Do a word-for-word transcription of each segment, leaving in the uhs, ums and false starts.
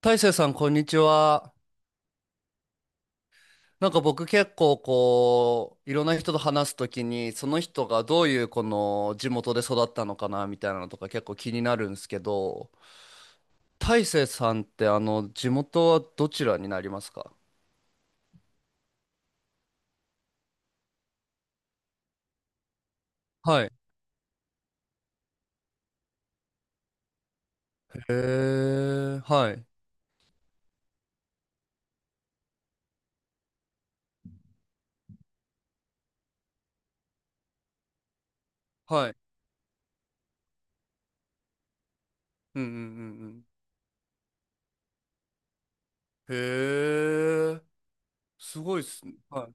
大成さん、こんにちは。なんか僕結構こう、いろんな人と話すときに、その人がどういうこの地元で育ったのかなみたいなのとか結構気になるんですけど、大成さんってあの、地元はどちらになりますか？はい。へえ、はい。はい。うんうんうんうん。へえ、すごいっすね。はい。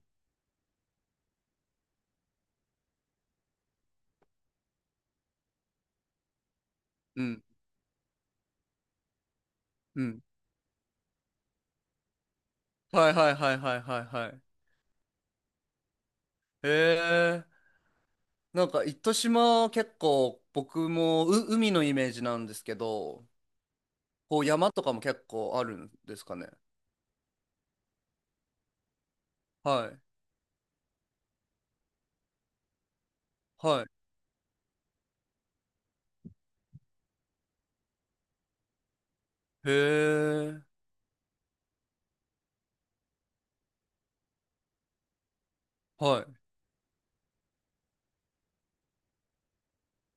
うん。うん。はいはいはいはいはいはい。へえ。なんか糸島結構僕もう海のイメージなんですけど、こう山とかも結構あるんですかね？はい。はい。へえ。はい。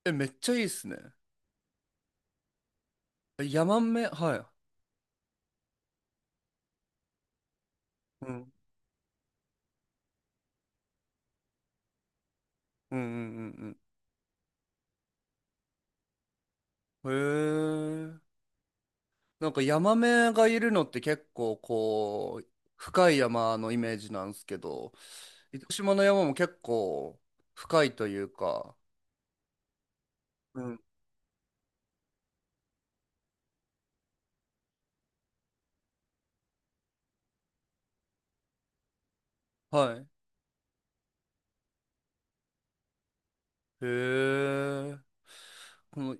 え、めっちゃいいっすね。ヤマメ、はい。うん。うんうんうんうん。へえ。なんかヤマメがいるのって結構こう、深い山のイメージなんですけど、糸島の山も結構深いというか、うん。はい。へえ。この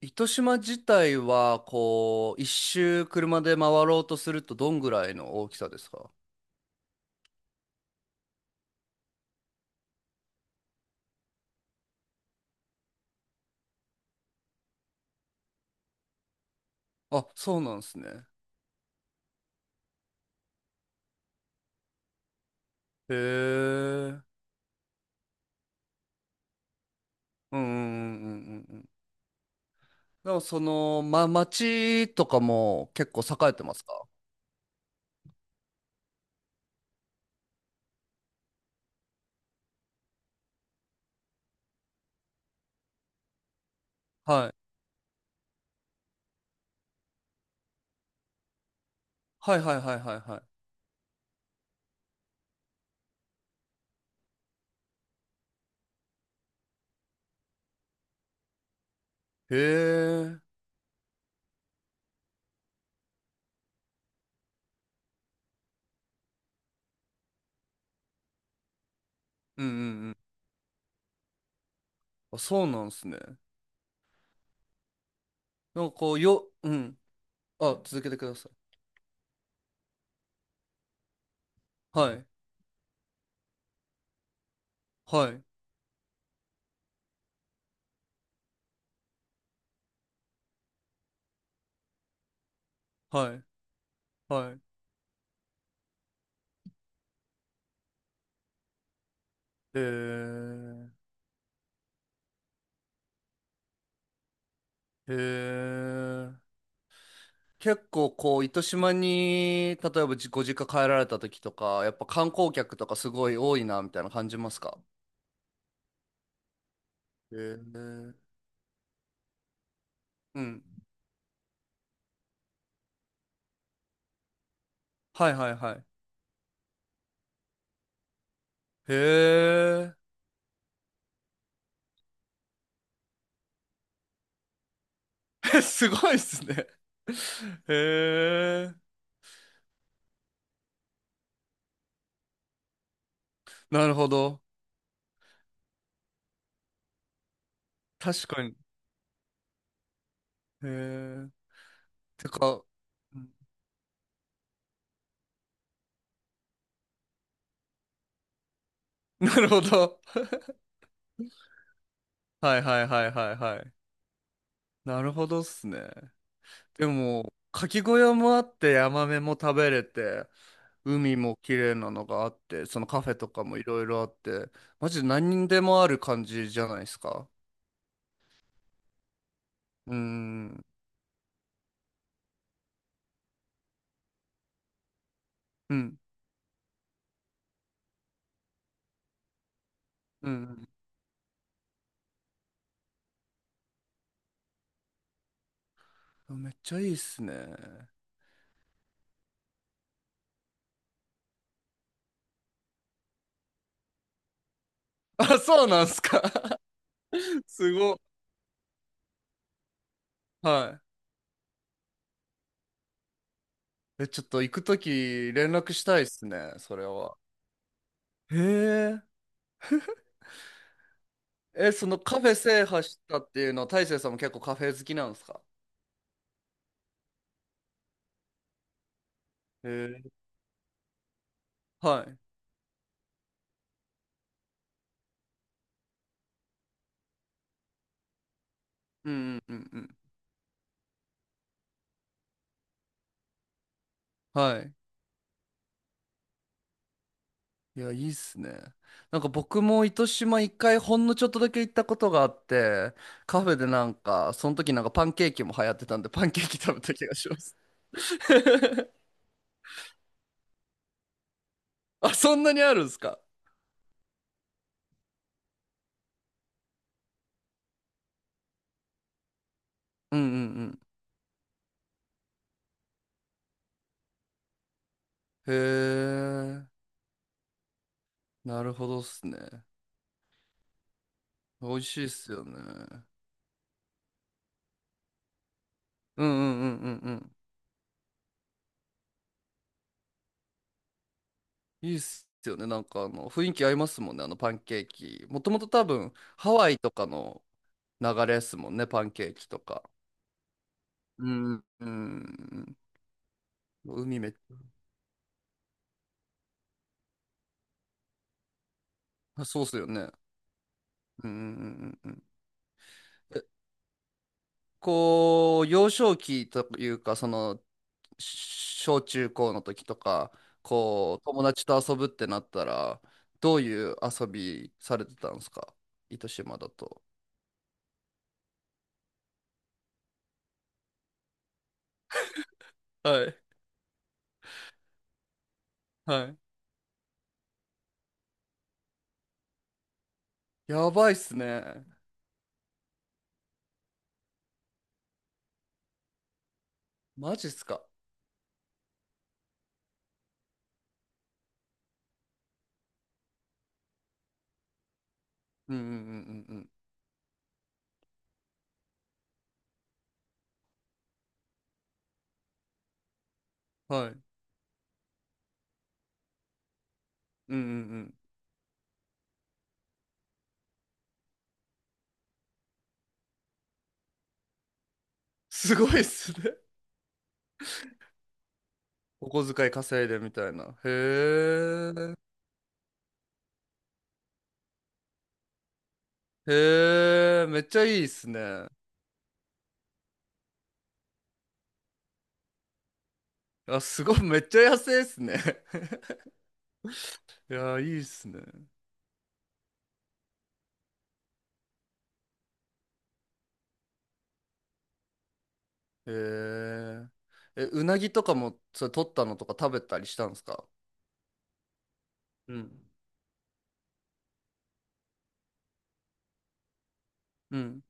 糸島自体は、こう、一周車で回ろうとするとどんぐらいの大きさですか？あ、そうなんですね。へえ。うんうんうんうんうんうん。でもその、ま、町とかも結構栄えてますか？はい。はいはいはいはいはい。へえ。うんうんうん。あ、そうなんですね。なんかこう、よ、うん。あ、続けてください。はい。はい。はい。はい。へえ。へえ。結構こう糸島に例えばじご実家帰られた時とかやっぱ観光客とかすごい多いなみたいな感じますか？へえ。うん。はいはいはい。へえ。 すごいっすね。へえ。なるほど。確かに。へえ。てか、うん。なるほど。はいはいはいはいはい。なるほどっすね。でもかき小屋もあってヤマメも食べれて、海も綺麗なのがあって、そのカフェとかもいろいろあって、マジで何でもある感じじゃないですか。うーん、うん、うん。うん、めっちゃいいっすね。あ、そうなんすか。すごっ。はい。え、ちょっと行くとき連絡したいっすね、それは。へえ。え、そのカフェ制覇したっていうのは、大成さんも結構カフェ好きなんですか？へえ。はい。うんうんうんうん。はい。いや、いいっすね。なんか僕も糸島一回ほんのちょっとだけ行ったことがあって、カフェでなんか、その時なんかパンケーキも流行ってたんで、パンケーキ食べた気がします。あ、そんなにあるんすか？うんうんうん。へえ、なるほどっすね。美味しいっすよね。うんうんうんうんうん。いいっすよね。なんかあの、雰囲気合いますもんね、あのパンケーキ。もともと多分、ハワイとかの流れっすもんね、パンケーキとか。うんうんうん。海めっ、そうっすよね。うんうんうんうんうん。え、こう、幼少期というか、その、し小中高の時とか、こう、友達と遊ぶってなったら、どういう遊びされてたんですか？糸島だと。はい。はい。やばいっすね。マジっすか？うんうんうんうんうん。はい。うんうんうん。すごいっすね。お小遣い稼いでみたいな。へえ。へえ。めっちゃいいっすね。あ、すごい、めっちゃ安いっすね。いやー、いいっすね。えー、え、うなぎとかも、それ取ったのとか食べたりしたんですか？うん。うん。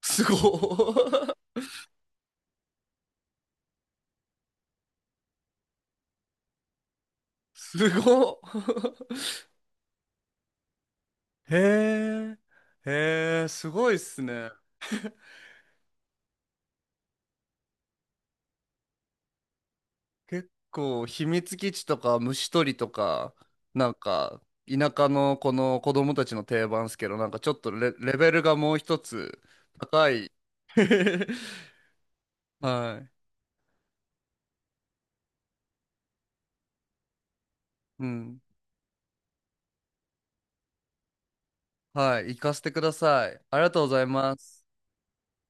すごっ。 すごっ。 へえ、へえ、すごいっすね。結構、秘密基地とか虫取りとか、なんか、田舎のこの子供たちの定番っすけど、なんかちょっとレ、レベルがもう一つ高い。 はい。うん。はい、行かせてください。ありがとうございます。